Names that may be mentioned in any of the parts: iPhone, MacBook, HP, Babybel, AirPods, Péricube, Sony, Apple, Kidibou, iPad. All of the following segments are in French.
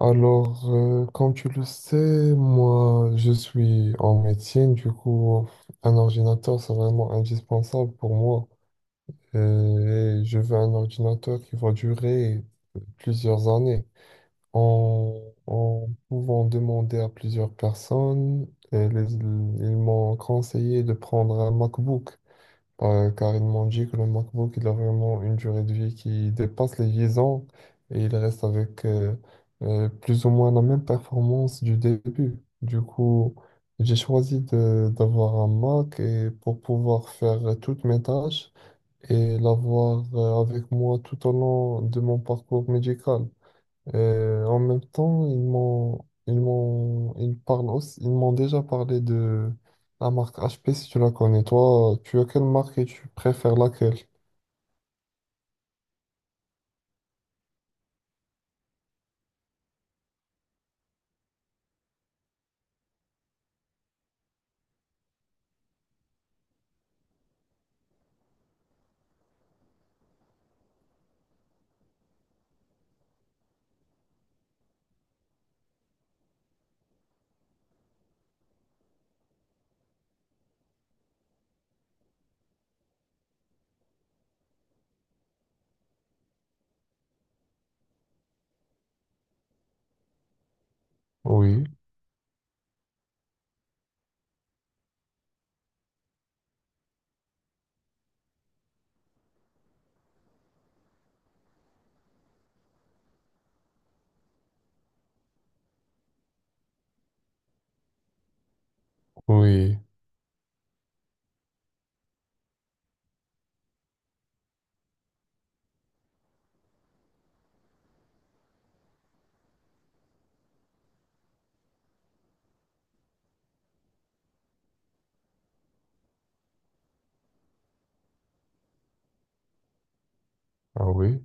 Alors, comme tu le sais, moi, je suis en médecine, du coup, un ordinateur, c'est vraiment indispensable pour moi. Et je veux un ordinateur qui va durer plusieurs années. En, en pouvant demander à plusieurs personnes, ils m'ont conseillé de prendre un MacBook. Ouais, car ils m'ont dit que le MacBook, il a vraiment une durée de vie qui dépasse les 10 ans et il reste avec plus ou moins la même performance du début. Du coup, j'ai choisi d'avoir un Mac et pour pouvoir faire toutes mes tâches et l'avoir avec moi tout au long de mon parcours médical. En même temps, ils m'ont, ils m'ont, ils parlent aussi, ils m'ont déjà parlé de la marque HP si tu la connais. Toi, tu as quelle marque et tu préfères laquelle? Oui, oui, ah oui,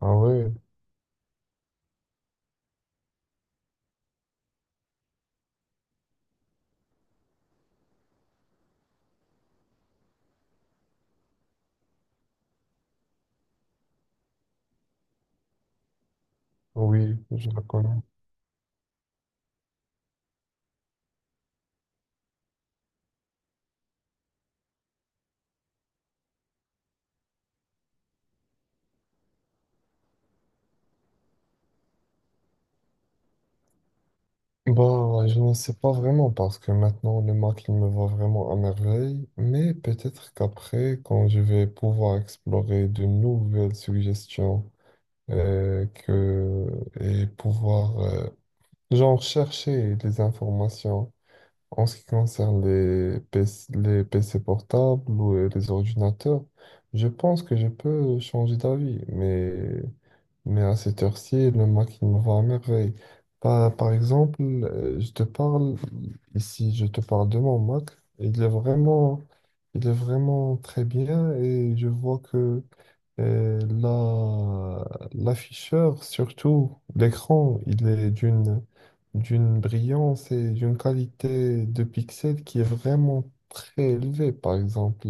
ah ouais, oui, je la connais. Bah, je ne sais pas vraiment parce que maintenant le Mac il me va vraiment à merveille, mais peut-être qu'après, quand je vais pouvoir explorer de nouvelles suggestions euh, que, et pouvoir genre, chercher des informations en ce qui concerne les PC, les PC portables ou les ordinateurs, je pense que je peux changer d'avis, mais à cette heure-ci, le Mac, il me va à merveille. Par exemple, je te parle, ici, je te parle de mon Mac. Il est vraiment, il est vraiment très bien et je vois que euh, la, l'afficheur, surtout l'écran, d'une brillance et d'une qualité de pixels qui est vraiment très élevée. Par exemple,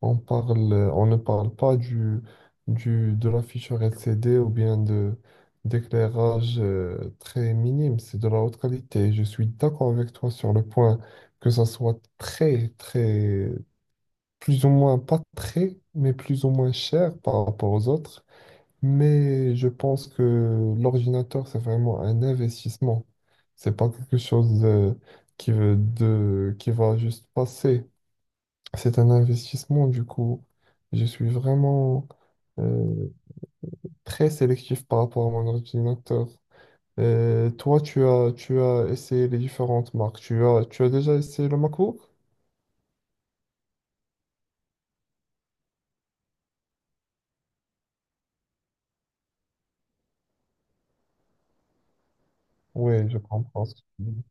on parle, on ne parle pas de l'afficheur LCD ou bien de d'éclairage très minime, c'est de la haute qualité. Je suis d'accord avec toi sur le point que ça soit très, très, plus ou moins, pas très, mais plus ou moins cher par rapport aux autres. Mais je pense que l'ordinateur, c'est vraiment un investissement. C'est pas quelque chose qui va juste passer. C'est un investissement, du coup. Je suis vraiment euh, très sélectif par rapport à mon ordinateur. Toi, tu as essayé les différentes marques. Tu as déjà essayé le MacBook? Oui, je comprends ce que tu dis.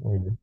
Oui.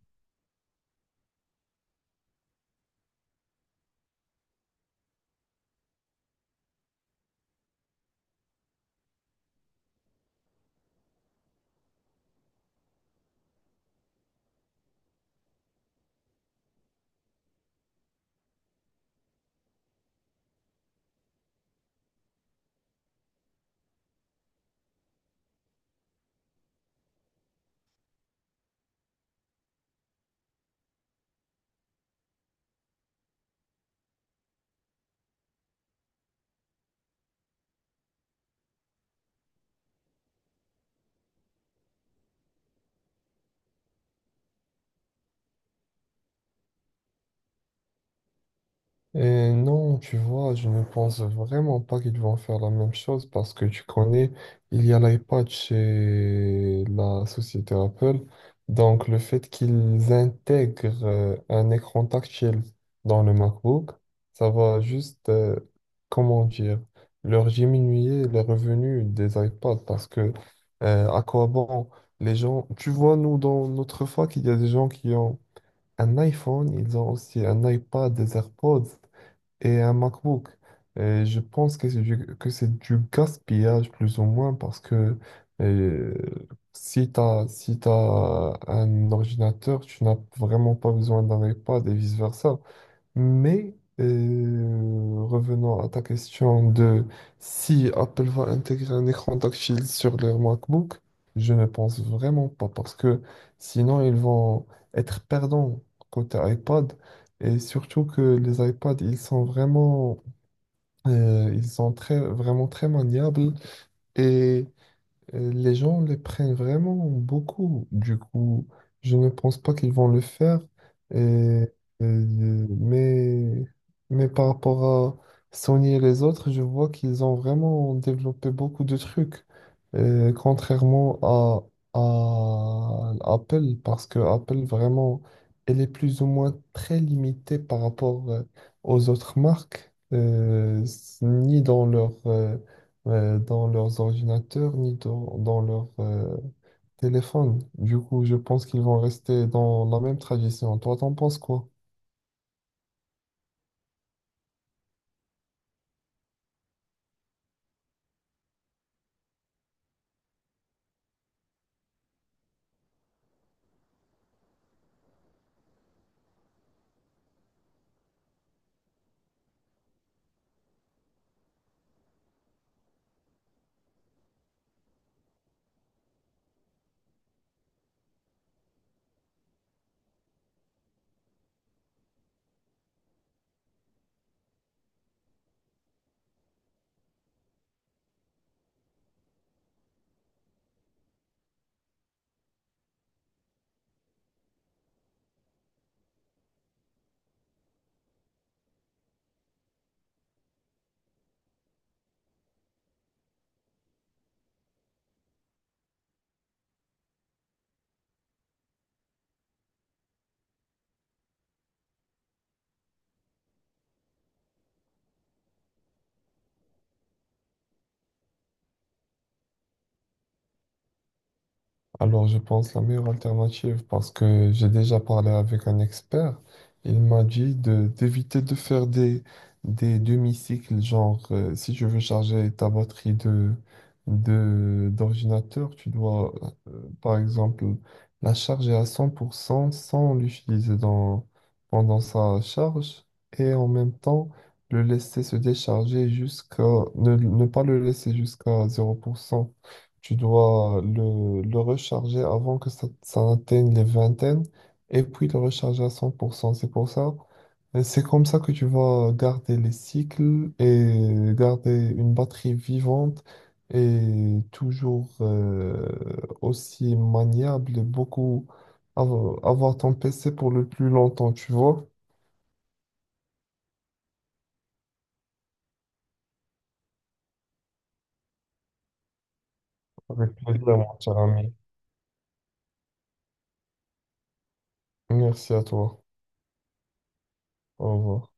Et non, tu vois, je ne pense vraiment pas qu'ils vont faire la même chose parce que tu connais, il y a l'iPad chez la société Apple. Donc, le fait qu'ils intègrent un écran tactile dans le MacBook, ça va juste, comment dire, leur diminuer les revenus des iPads parce que à quoi bon les gens, tu vois, nous, dans notre fac, il y a des gens qui ont un iPhone, ils ont aussi un iPad, des AirPods et un MacBook. Et je pense que que c'est du gaspillage plus ou moins parce que euh, si t'as un ordinateur, tu n'as vraiment pas besoin d'un iPad et vice-versa. Mais revenons à ta question de si Apple va intégrer un écran tactile sur leur MacBook, je ne pense vraiment pas parce que sinon ils vont être perdants côté iPad et surtout que les iPads ils sont vraiment ils sont très maniables et les gens le prennent vraiment beaucoup. Du coup, je ne pense pas qu'ils vont le faire. Et, euh, mais, mais par rapport à Sony et les autres, je vois qu'ils ont vraiment développé beaucoup de trucs. Euh, contrairement à, à Apple, parce que Apple, vraiment, elle est plus ou moins très limitée par rapport aux autres marques, ni dans dans leurs ordinateurs ni dans leurs téléphones. Du coup, je pense qu'ils vont rester dans la même tradition. Toi, t'en penses quoi? Alors, je pense la meilleure alternative, parce que j'ai déjà parlé avec un expert, il m'a dit de d'éviter de faire des demi-cycles, genre si tu veux charger ta batterie d'ordinateur, tu dois, par exemple, la charger à 100% sans l'utiliser pendant sa charge et en même temps le laisser se décharger ne pas le laisser jusqu'à 0%. Tu dois le recharger avant que ça atteigne les vingtaines et puis le recharger à 100%. C'est pour ça, et c'est comme ça que tu vas garder les cycles et garder une batterie vivante et toujours aussi maniable et avoir ton PC pour le plus longtemps, tu vois. Avec plaisir, mon cher ami. Merci à toi. Au revoir.